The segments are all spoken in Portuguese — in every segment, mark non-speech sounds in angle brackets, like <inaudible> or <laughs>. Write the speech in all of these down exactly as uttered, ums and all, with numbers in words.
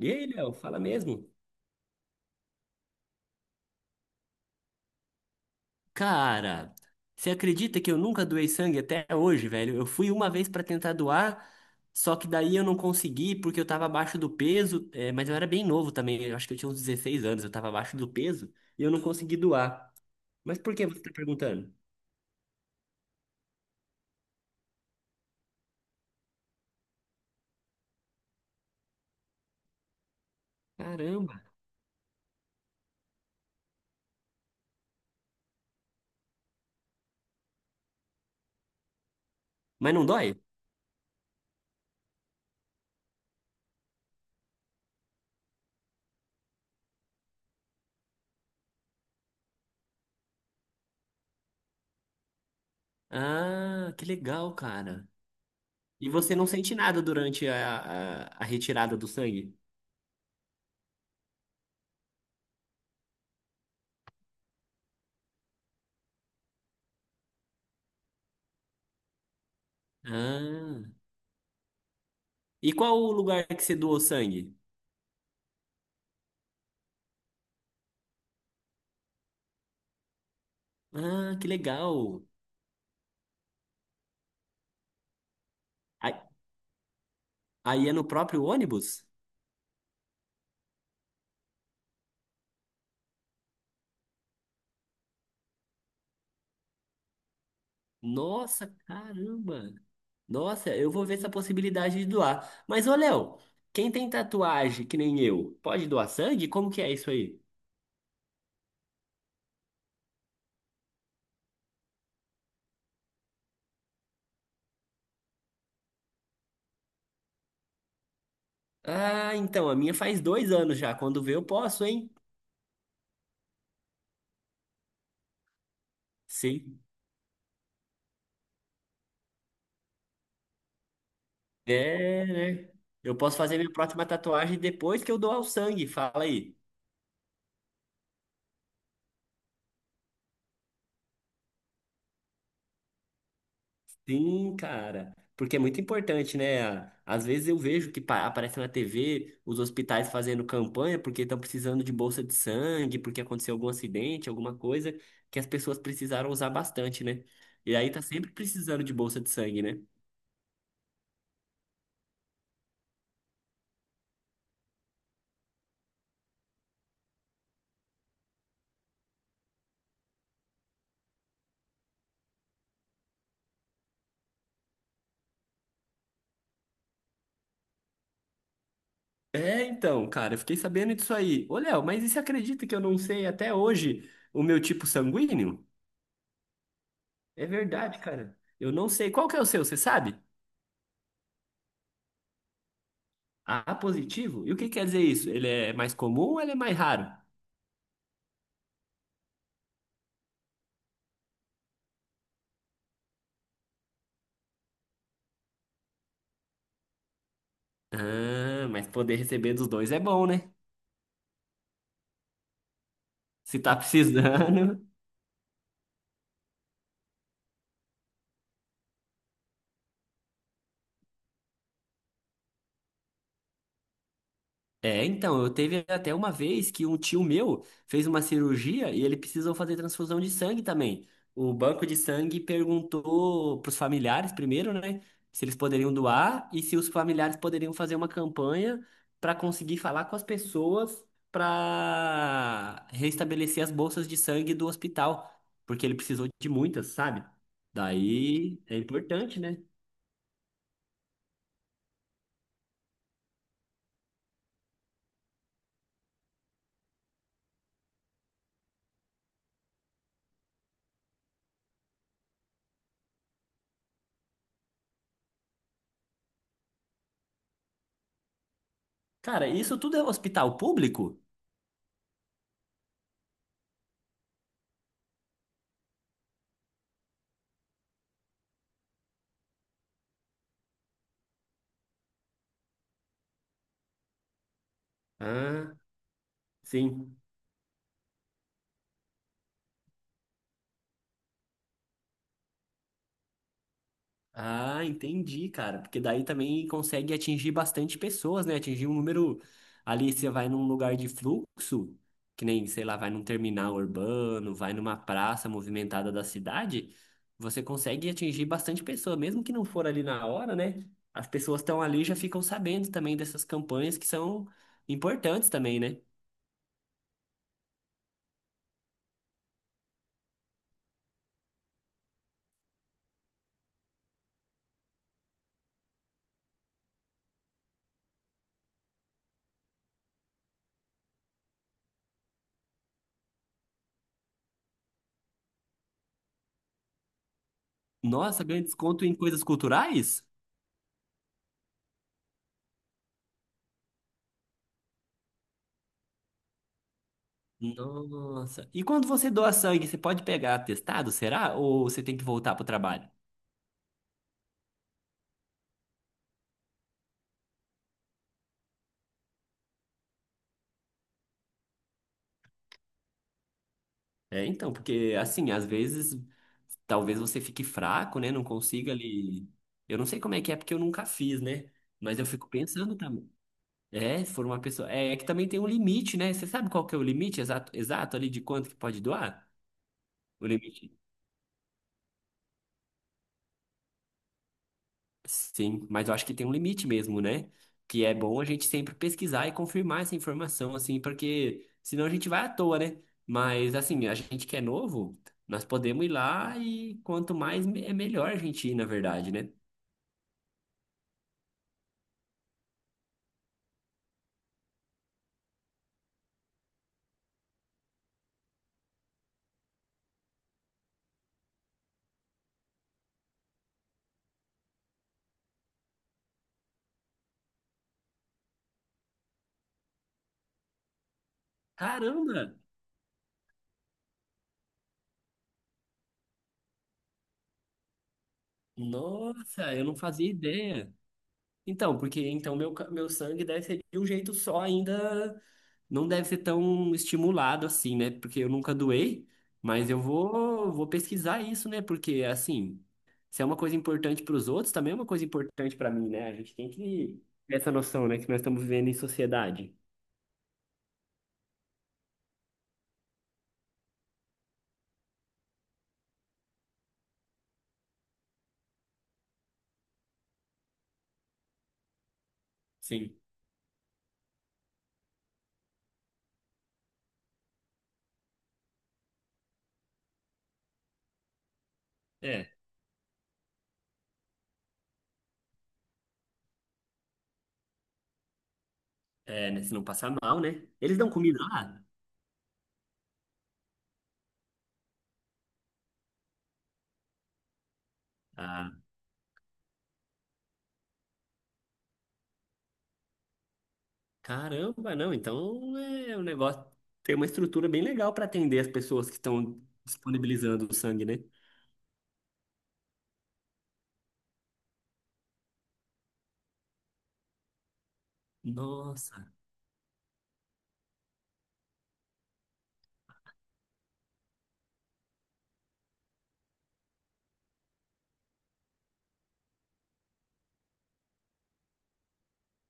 E aí, Léo, fala mesmo? Cara, você acredita que eu nunca doei sangue até hoje, velho? Eu fui uma vez pra tentar doar, só que daí eu não consegui porque eu tava abaixo do peso, é, mas eu era bem novo também, eu acho que eu tinha uns dezesseis anos, eu tava abaixo do peso e eu não consegui doar. Mas por que você tá perguntando? Caramba! Mas não dói? Ah, que legal, cara. E você não sente nada durante a, a, a retirada do sangue? Ah. E qual o lugar que você doou sangue? Ah, que legal. Aí aí é no próprio ônibus? Nossa, caramba! Nossa, eu vou ver essa possibilidade de doar. Mas, ô Léo, quem tem tatuagem que nem eu, pode doar sangue? Como que é isso aí? Ah, então, a minha faz dois anos já. Quando vê, eu posso, hein? Sim. É, né? Eu posso fazer minha próxima tatuagem depois que eu doar o sangue. Fala aí. Sim, cara, porque é muito importante, né? A- Às vezes eu vejo que pa- aparece na T V os hospitais fazendo campanha porque estão precisando de bolsa de sangue, porque aconteceu algum acidente, alguma coisa que as pessoas precisaram usar bastante, né? E aí tá sempre precisando de bolsa de sangue, né? É, então, cara, eu fiquei sabendo disso aí. Ô, Léo, mas e você acredita que eu não sei até hoje o meu tipo sanguíneo? É verdade, cara. Eu não sei. Qual que é o seu, você sabe? A positivo? E o que quer dizer isso? Ele é mais comum ou ele é mais raro? Ah, mas poder receber dos dois é bom, né? Se tá <laughs> precisando. É, então, eu teve até uma vez que um tio meu fez uma cirurgia e ele precisou fazer transfusão de sangue também. O banco de sangue perguntou pros familiares primeiro, né, se eles poderiam doar e se os familiares poderiam fazer uma campanha para conseguir falar com as pessoas para restabelecer as bolsas de sangue do hospital, porque ele precisou de muitas, sabe? Daí é importante, né? Cara, isso tudo é hospital público? Ah, sim. Ah, entendi, cara. Porque daí também consegue atingir bastante pessoas, né? Atingir um número. Ali você vai num lugar de fluxo, que nem, sei lá, vai num terminal urbano, vai numa praça movimentada da cidade, você consegue atingir bastante pessoa, mesmo que não for ali na hora, né? As pessoas estão ali e já ficam sabendo também dessas campanhas que são importantes também, né? Nossa, ganha desconto em coisas culturais? Nossa. E quando você doa sangue, você pode pegar atestado, será? Ou você tem que voltar pro trabalho? É, então, porque assim, às vezes talvez você fique fraco, né? Não consiga ali. Eu não sei como é que é, porque eu nunca fiz, né? Mas eu fico pensando também. É, se for uma pessoa. É, é que também tem um limite, né? Você sabe qual que é o limite exato, exato ali de quanto que pode doar? O limite. Sim, mas eu acho que tem um limite mesmo, né? Que é bom a gente sempre pesquisar e confirmar essa informação, assim, porque senão a gente vai à toa, né? Mas, assim, a gente que é novo, nós podemos ir lá e quanto mais me- é melhor a gente ir, na verdade, né? Caramba! Nossa, eu não fazia ideia. Então, porque então meu, ca- meu sangue deve ser de um jeito só ainda não deve ser tão estimulado assim, né? Porque eu nunca doei, mas eu vou, vou pesquisar isso, né? Porque, assim, se é uma coisa importante para os outros, também é uma coisa importante para mim, né? A gente tem que ter essa noção, né? Que nós estamos vivendo em sociedade. Sim. É, é, né? Se não passar mal, né? Eles dão comida lá? Ah, caramba, não. Então é é um negócio. Tem uma estrutura bem legal para atender as pessoas que estão disponibilizando o sangue, né? Nossa.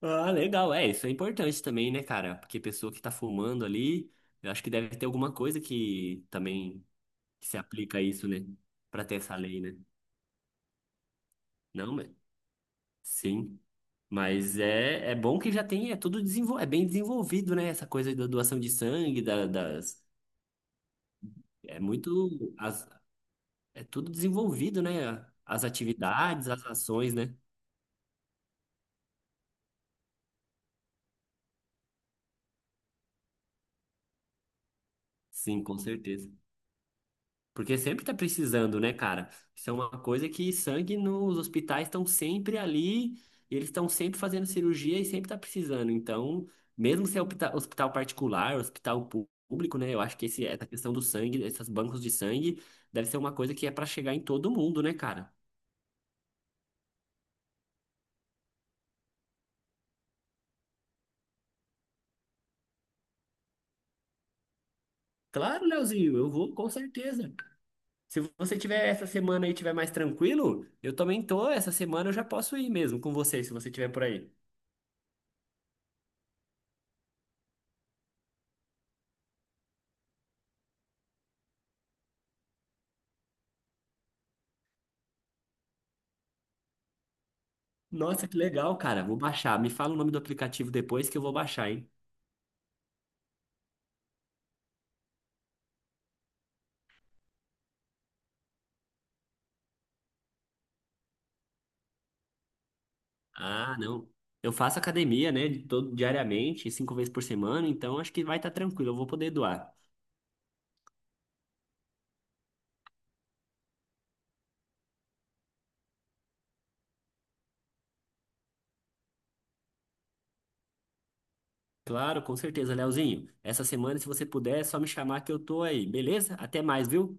Ah, legal. É, isso é importante também, né, cara? Porque pessoa que tá fumando ali, eu acho que deve ter alguma coisa que também que se aplica a isso, né? Pra ter essa lei, né? Não, mas sim. Mas é, é bom que já tem, é tudo desenvol... é bem desenvolvido, né? Essa coisa da doação de sangue, da- das. É muito. as- É tudo desenvolvido, né? As atividades, as ações, né? Sim, com certeza. Porque sempre tá precisando, né, cara? Isso é uma coisa que sangue nos hospitais estão sempre ali, e eles estão sempre fazendo cirurgia e sempre tá precisando. Então, mesmo se é hopita- hospital particular, hospital pú- público, né? Eu acho que esse, essa questão do sangue, esses bancos de sangue, deve ser uma coisa que é para chegar em todo mundo, né, cara? Claro, Leozinho, eu vou com certeza. Se você tiver essa semana aí, tiver mais tranquilo, eu também tô. Essa semana eu já posso ir mesmo com você, se você tiver por aí. Nossa, que legal, cara. Vou baixar. Me fala o nome do aplicativo depois que eu vou baixar, hein? Ah, não. Eu faço academia, né, de todo, diariamente, cinco vezes por semana, então acho que vai estar tranquilo, eu vou poder doar. Claro, com certeza, Leozinho. Essa semana, se você puder, é só me chamar que eu tô aí, beleza? Até mais, viu?